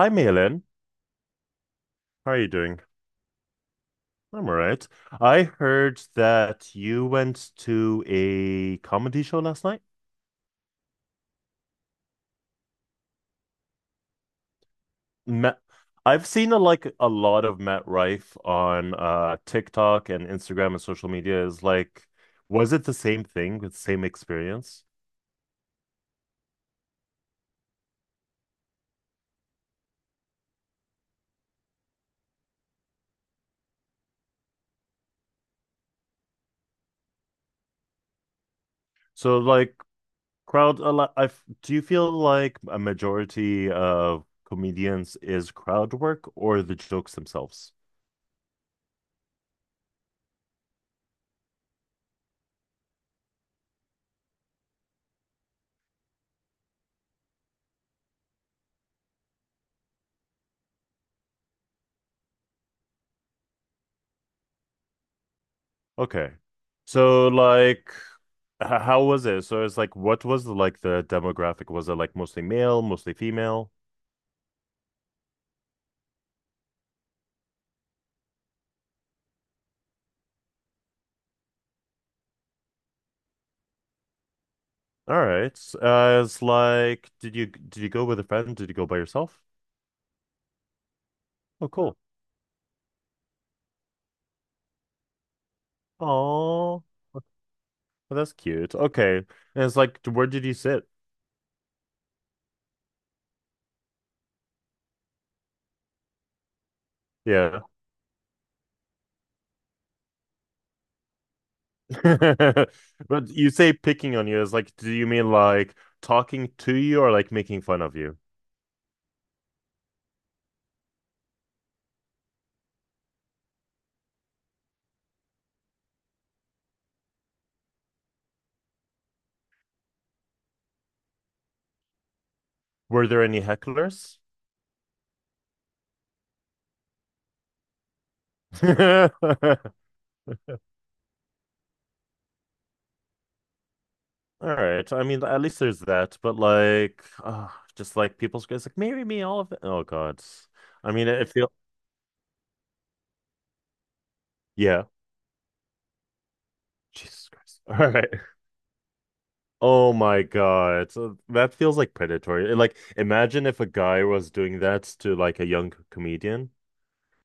Hi, Malin. How are you doing? I'm all right. I heard that you went to a comedy show last night. Matt, I've seen like a lot of Matt Rife on TikTok and Instagram and social media. Is like, was it the same thing with same experience? So like crowd, a lot, I do you feel like a majority of comedians is crowd work or the jokes themselves? Okay. So like how was it? So it's like, what was the, like the demographic? Was it like mostly male, mostly female? All right. It's like, did you go with a friend? Did you go by yourself? Oh, cool. Oh, well, that's cute. Okay. And it's like, where did you sit? Yeah. But you say picking on you is like, do you mean like talking to you or like making fun of you? Were there any hecklers? All right. I mean, at least there's that. But like, just like people's guys, like marry me, all of it. Oh God. I mean, it feel yeah. Jesus Christ. All right. Oh my God. So that feels like predatory. And, like, imagine if a guy was doing that to like a young comedian,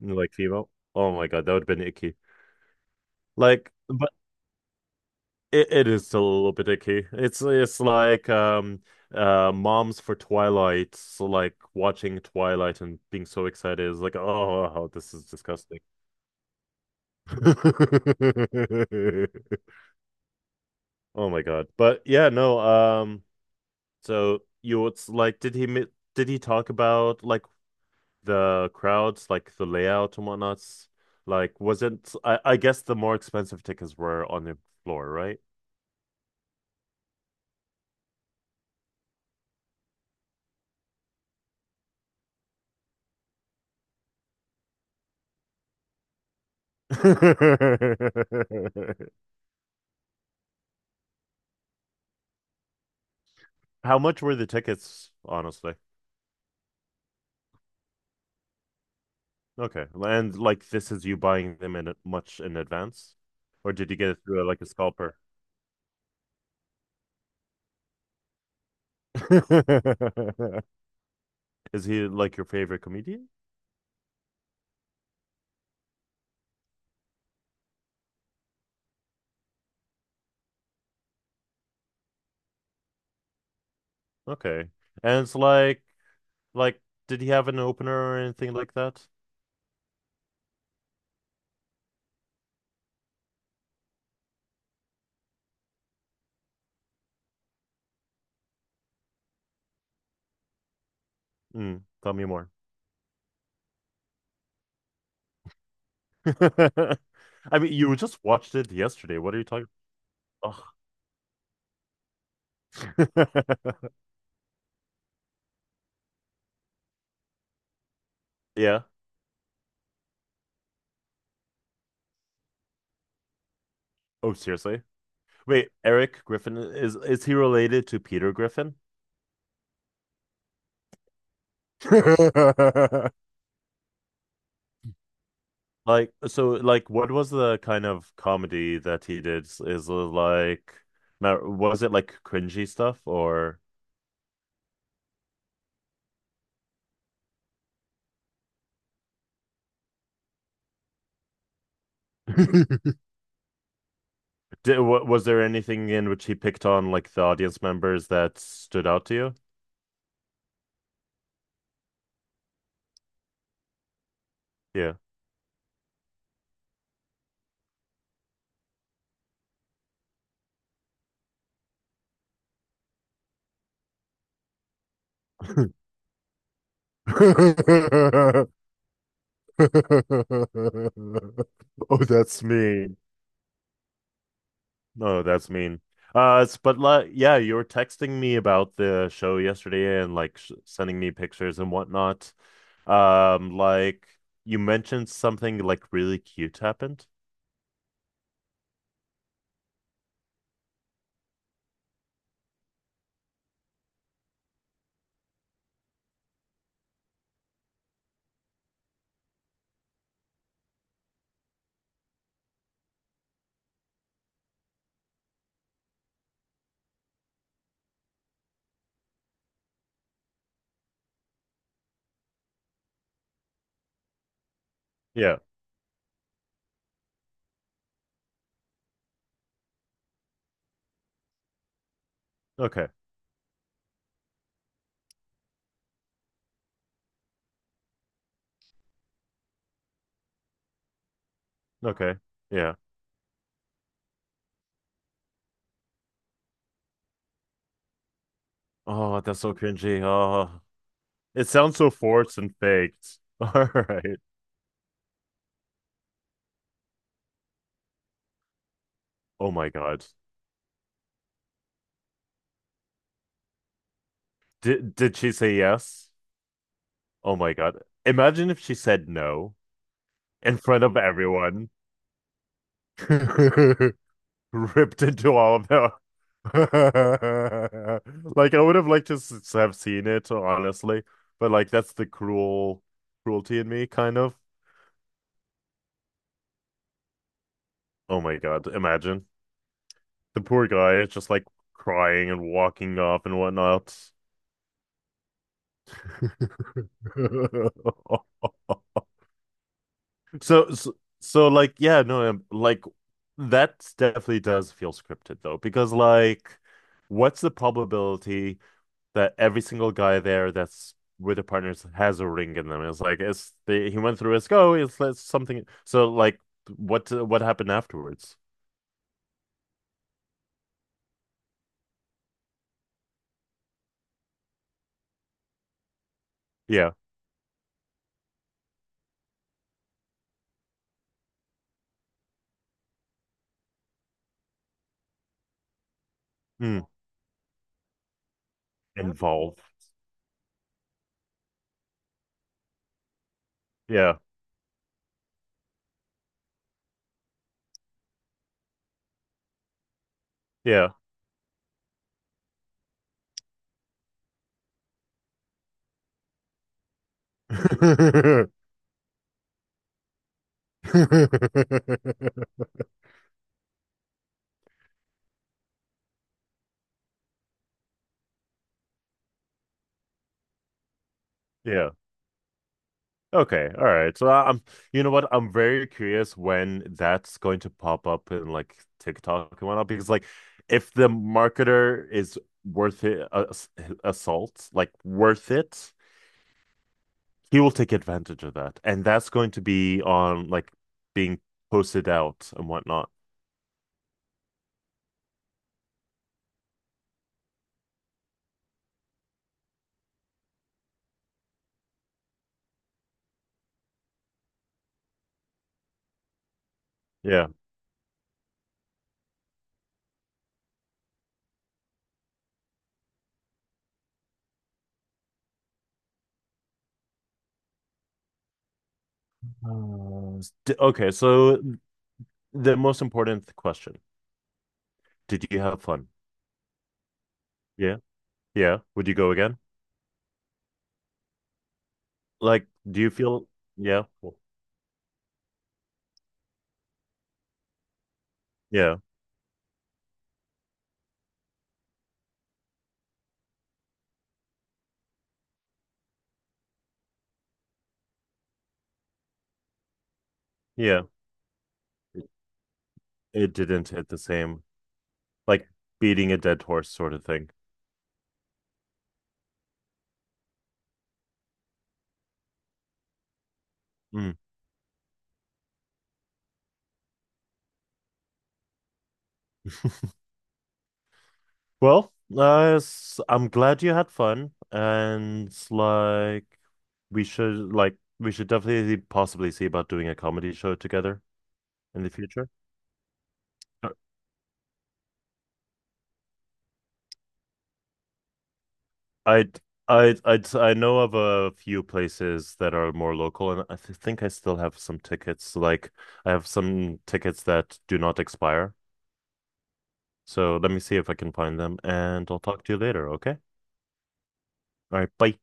like female. Oh my God, that would have been icky. Like, but it is still a little bit icky. It's like moms for Twilight, so like watching Twilight and being so excited is like, oh, this is disgusting. Oh my God. But yeah, no, so you it's like did he talk about like the crowds, like the layout and whatnot? Like wasn't I guess the more expensive tickets were on the floor, right? How much were the tickets, honestly? Okay. And like this is you buying them in much in advance? Or did you get it through like a scalper? Is he like your favorite comedian? Okay. And it's like like did he have an opener or anything like that? Mm, tell me more. I mean, you just watched it yesterday. What are you talking? Ugh. Yeah. Oh, seriously? Wait, Eric Griffin is he related to Peter Griffin? Like so, like what was the kind of comedy that he did? Is it like now was it like cringy stuff or was there anything in which he picked on like the audience members that stood out to you? Yeah. Oh, that's me. No, that's mean. Yeah, you were texting me about the show yesterday and like sh sending me pictures and whatnot. Like you mentioned something like really cute happened. Yeah. Okay. Okay. Yeah. Oh, that's so cringy. Oh, it sounds so forced and faked. All right. Oh my God. Did she say yes? Oh my God. Imagine if she said no in front of everyone. Ripped into all of them. Like I would have liked to s have seen it, honestly, but like that's the cruelty in me, kind of. Oh my God, imagine the poor guy is just like crying and walking off and whatnot. So, so, so like, yeah, no, like that definitely does feel scripted though, because like, what's the probability that every single guy there that's with the partners has a ring in them. It's like it's the, he went through his go. It's something. So like, what happened afterwards? Yeah, mm. Involve. Yeah, yeah, yeah. Okay, all right. You know what? I'm very curious when that's going to pop up in like TikTok and whatnot because like, if the marketer is worth it, assault, like worth it. He will take advantage of that. And that's going to be on like being posted out and whatnot. Yeah. Okay, so the most important question. Did you have fun? Yeah. Yeah. Would you go again? Like, do you feel yeah. Cool. Yeah. Yeah. It, it didn't hit the same, like beating a dead horse sort of thing. Mm. Well, I'm glad you had fun, and like we should definitely possibly see about doing a comedy show together in the future. Uh, I'd I'd I know of a few places that are more local, and I th think I still have some tickets. Like I have some tickets that do not expire, so let me see if I can find them, and I'll talk to you later. Okay? All right, bye.